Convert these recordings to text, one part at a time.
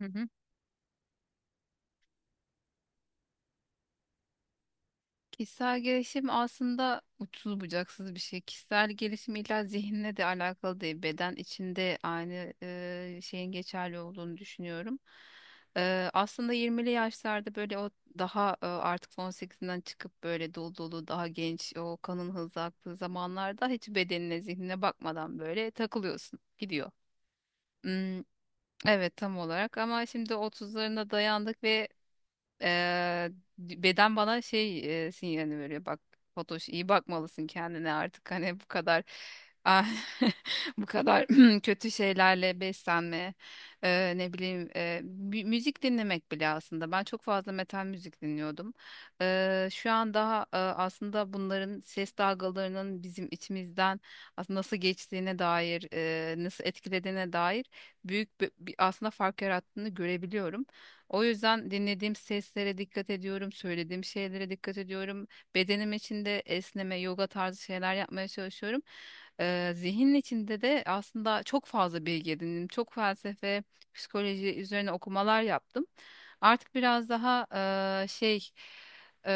Hı hı. Kişisel gelişim aslında uçsuz bucaksız bir şey. Kişisel gelişim illa zihinle de alakalı değil. Beden içinde aynı şeyin geçerli olduğunu düşünüyorum. Aslında 20'li yaşlarda böyle o daha artık 18'inden çıkıp böyle dolu dolu daha genç o kanın hızlı aktığı zamanlarda hiç bedenine zihnine bakmadan böyle takılıyorsun. Gidiyor. Hmm, evet tam olarak ama şimdi 30'larına dayandık ve Eee, beden bana sinyalini veriyor. Bak Fatoş, iyi bakmalısın kendine artık. Hani bu kadar ah, bu kadar kötü şeylerle beslenme, ne bileyim, müzik dinlemek bile. Aslında ben çok fazla metal müzik dinliyordum. Şu an daha aslında bunların ses dalgalarının bizim içimizden aslında nasıl geçtiğine dair, nasıl etkilediğine dair büyük bir aslında fark yarattığını görebiliyorum. O yüzden dinlediğim seslere dikkat ediyorum, söylediğim şeylere dikkat ediyorum. Bedenim içinde esneme, yoga tarzı şeyler yapmaya çalışıyorum. Zihnin içinde de aslında çok fazla bilgi edindim. Çok felsefe, psikoloji üzerine okumalar yaptım. Artık biraz daha eee, şey eee,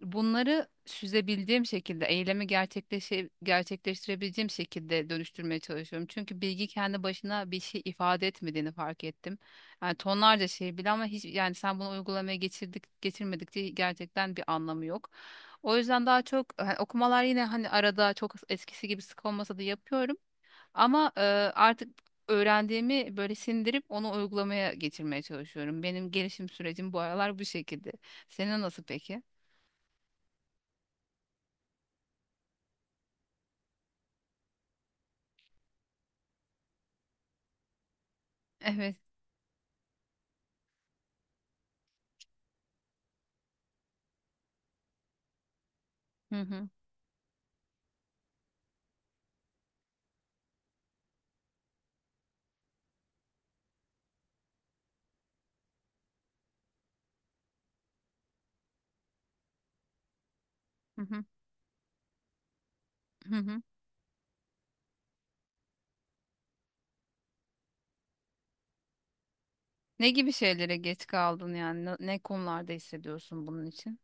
bunları süzebildiğim şekilde, eylemi gerçekleştirebileceğim şekilde dönüştürmeye çalışıyorum. Çünkü bilgi kendi başına bir şey ifade etmediğini fark ettim. Yani tonlarca şey bile ama hiç, yani sen bunu uygulamaya geçirdik getirmedik diye gerçekten bir anlamı yok. O yüzden daha çok hani okumalar, yine hani arada çok eskisi gibi sık olmasa da yapıyorum. Ama artık öğrendiğimi böyle sindirip onu uygulamaya getirmeye çalışıyorum. Benim gelişim sürecim bu aralar bu şekilde. Senin nasıl peki? Evet. Hı hı. Hı hı. Hı hı. Ne gibi şeylere geç kaldın yani? Ne konularda hissediyorsun bunun için?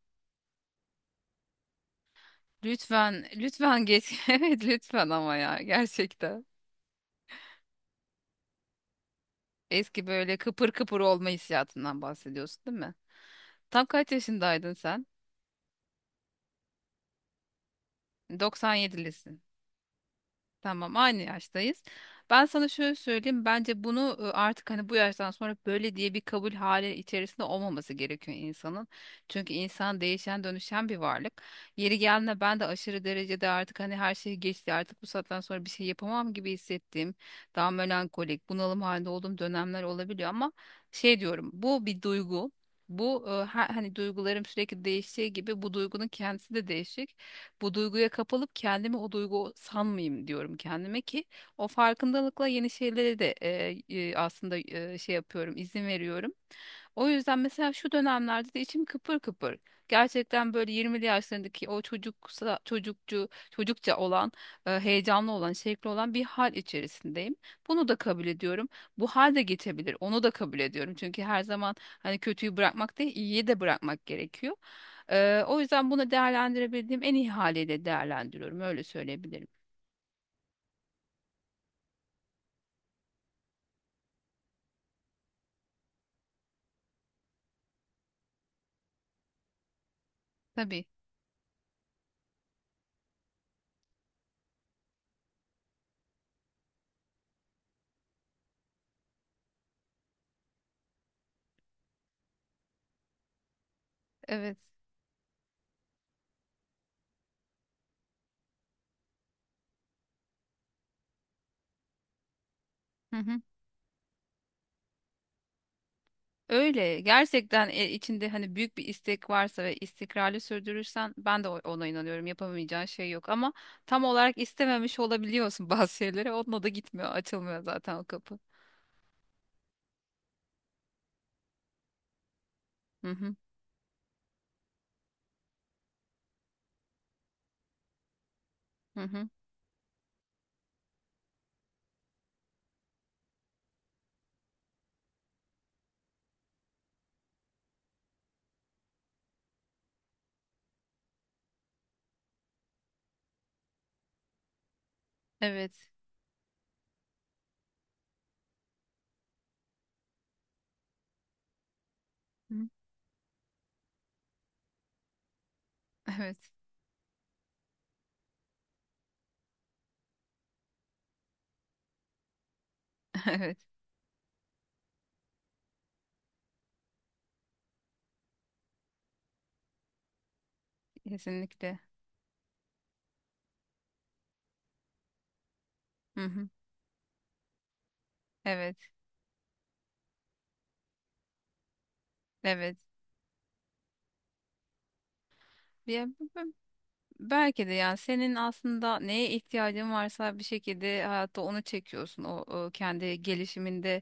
Lütfen, lütfen geç. Evet, lütfen, ama ya gerçekten. Eski böyle kıpır kıpır olma hissiyatından bahsediyorsun, değil mi? Tam kaç yaşındaydın sen? 97'lisin. Tamam, aynı yaştayız. Ben sana şöyle söyleyeyim. Bence bunu, artık hani bu yaştan sonra böyle diye bir kabul hali içerisinde olmaması gerekiyor insanın. Çünkü insan değişen, dönüşen bir varlık. Yeri geldiğinde ben de aşırı derecede artık hani her şey geçti, artık bu saatten sonra bir şey yapamam gibi hissettiğim, daha melankolik, bunalım halinde olduğum dönemler olabiliyor, ama şey diyorum: bu bir duygu. Bu hani duygularım sürekli değiştiği gibi bu duygunun kendisi de değişik. Bu duyguya kapılıp kendimi o duygu sanmayayım diyorum kendime, ki o farkındalıkla yeni şeylere de aslında şey yapıyorum, izin veriyorum. O yüzden mesela şu dönemlerde de içim kıpır kıpır. Gerçekten böyle 20'li yaşlarındaki o çocukça olan, heyecanlı olan, şevkli olan bir hal içerisindeyim. Bunu da kabul ediyorum. Bu hal de geçebilir. Onu da kabul ediyorum. Çünkü her zaman hani kötüyü bırakmak değil, iyiyi de bırakmak gerekiyor. O yüzden bunu değerlendirebildiğim en iyi haliyle değerlendiriyorum. Öyle söyleyebilirim. Tabii. Evet. Hı hı. Öyle. Gerçekten içinde hani büyük bir istek varsa ve istikrarlı sürdürürsen, ben de ona inanıyorum. Yapamayacağın şey yok, ama tam olarak istememiş olabiliyorsun bazı şeyleri. Onunla da gitmiyor, açılmıyor zaten o kapı. Hı hı. Hı hı. Evet. Hı. Evet. Evet. Kesinlikle. Hı hı. Evet. Evet. Diye Belki de, yani, senin aslında neye ihtiyacın varsa bir şekilde hayatta onu çekiyorsun. O, kendi gelişiminde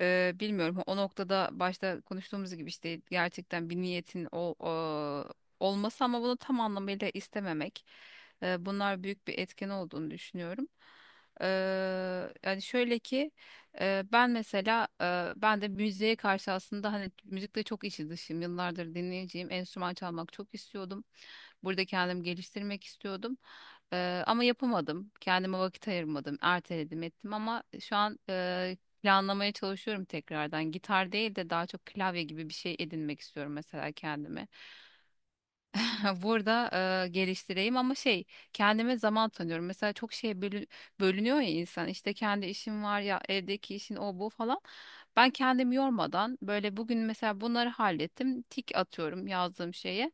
bilmiyorum, o noktada başta konuştuğumuz gibi işte gerçekten bir niyetin e, olması ama bunu tam anlamıyla istememek. Bunlar büyük bir etken olduğunu düşünüyorum. E, Yani şöyle ki, ben mesela, ben de müziğe karşı aslında hani müzikle çok içi dışım. Yıllardır dinleyeceğim, enstrüman çalmak çok istiyordum. Burada kendimi geliştirmek istiyordum. Ama yapamadım. Kendime vakit ayırmadım. Erteledim ettim ama şu an planlamaya çalışıyorum tekrardan. Gitar değil de daha çok klavye gibi bir şey edinmek istiyorum mesela kendime. Burada geliştireyim, ama şey, kendime zaman tanıyorum. Mesela çok şeye bölünüyor ya insan. İşte kendi işim var, ya evdeki işin, o bu falan. Ben kendimi yormadan böyle bugün mesela bunları hallettim, tik atıyorum yazdığım şeye.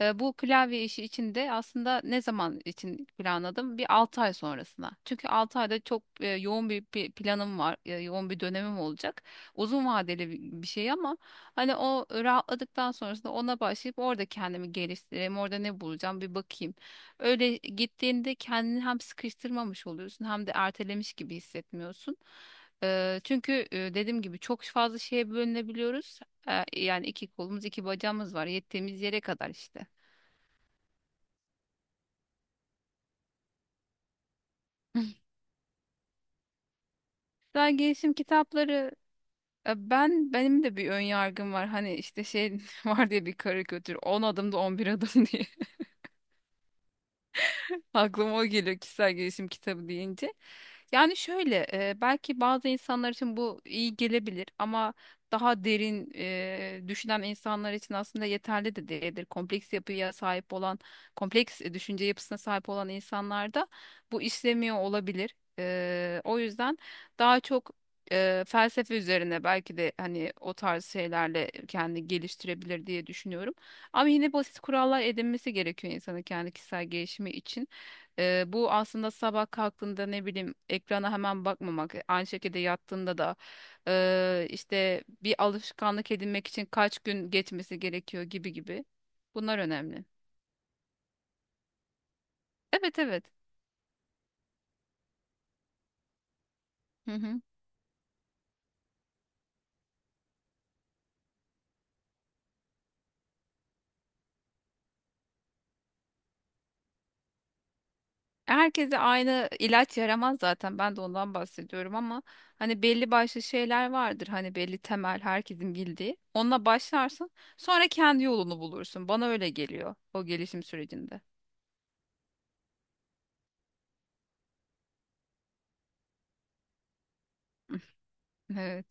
Bu klavye işi için de aslında ne zaman için planladım? Bir 6 ay sonrasına. Çünkü 6 ayda çok yoğun bir planım var, yoğun bir dönemim olacak. Uzun vadeli bir şey ama hani o rahatladıktan sonrasında ona başlayıp orada kendimi geliştireyim, orada ne bulacağım bir bakayım. Öyle gittiğinde kendini hem sıkıştırmamış oluyorsun hem de ertelemiş gibi hissetmiyorsun. Çünkü dediğim gibi çok fazla şeye bölünebiliyoruz. Yani iki kolumuz iki bacağımız var, yettiğimiz yere kadar işte. Ben gelişim kitapları, benim de bir ön yargım var. Hani işte şey var diye, bir karikatür: 10 adımda 11 adım diye. Aklıma o geliyor kişisel gelişim kitabı deyince. Yani şöyle, belki bazı insanlar için bu iyi gelebilir, ama daha derin düşünen insanlar için aslında yeterli de değildir. Kompleks yapıya sahip olan, kompleks düşünce yapısına sahip olan insanlarda bu işlemiyor olabilir. O yüzden daha çok felsefe üzerine, belki de hani o tarz şeylerle kendini geliştirebilir diye düşünüyorum. Ama yine basit kurallar edinmesi gerekiyor insanın kendi kişisel gelişimi için. Bu aslında sabah kalktığında ne bileyim, ekrana hemen bakmamak, aynı şekilde yattığında da işte bir alışkanlık edinmek için kaç gün geçmesi gerekiyor gibi gibi. Bunlar önemli. Evet, evet. Hı hı. Herkese aynı ilaç yaramaz zaten. Ben de ondan bahsediyorum, ama hani belli başlı şeyler vardır. Hani belli temel, herkesin bildiği. Onunla başlarsın. Sonra kendi yolunu bulursun. Bana öyle geliyor o gelişim sürecinde. Evet,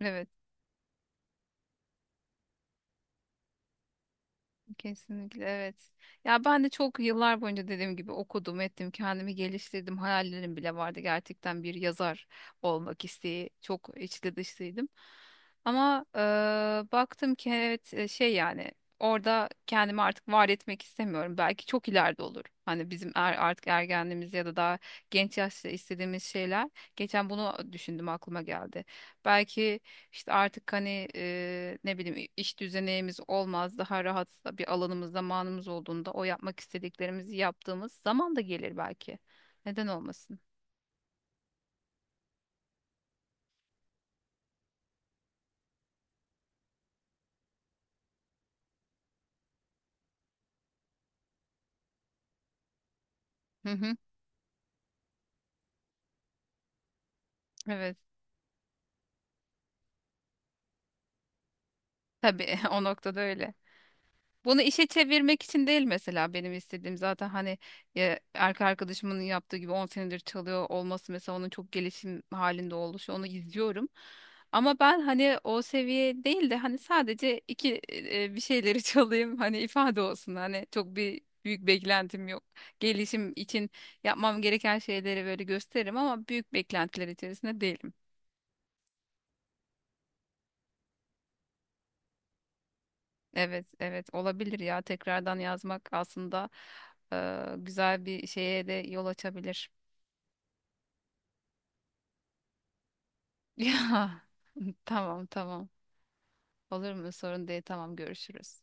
evet. Kesinlikle evet. Ya ben de çok yıllar boyunca dediğim gibi okudum, ettim, kendimi geliştirdim. Hayallerim bile vardı, gerçekten bir yazar olmak isteği. Çok içli dışlıydım. Ama baktım ki evet, yani orada kendimi artık var etmek istemiyorum. Belki çok ileride olur. Hani bizim artık ergenliğimiz ya da daha genç yaşta istediğimiz şeyler. Geçen bunu düşündüm, aklıma geldi. Belki işte artık hani ne bileyim iş düzenimiz olmaz, daha rahat bir alanımız, zamanımız olduğunda o yapmak istediklerimizi yaptığımız zaman da gelir belki. Neden olmasın? Hı hı, evet, tabii o noktada öyle. Bunu işe çevirmek için değil mesela benim istediğim. Zaten hani, ya, erkek arkadaşımın yaptığı gibi 10 senedir çalıyor olması mesela, onun çok gelişim halinde oluşu; onu izliyorum. Ama ben hani o seviye değil de hani sadece iki bir şeyleri çalayım, hani ifade olsun, hani çok bir büyük beklentim yok. Gelişim için yapmam gereken şeyleri böyle gösteririm, ama büyük beklentiler içerisinde değilim. Evet, evet, olabilir ya. Tekrardan yazmak aslında güzel bir şeye de yol açabilir. Ya, tamam, tamam. Olur mu? Sorun değil. Tamam, görüşürüz.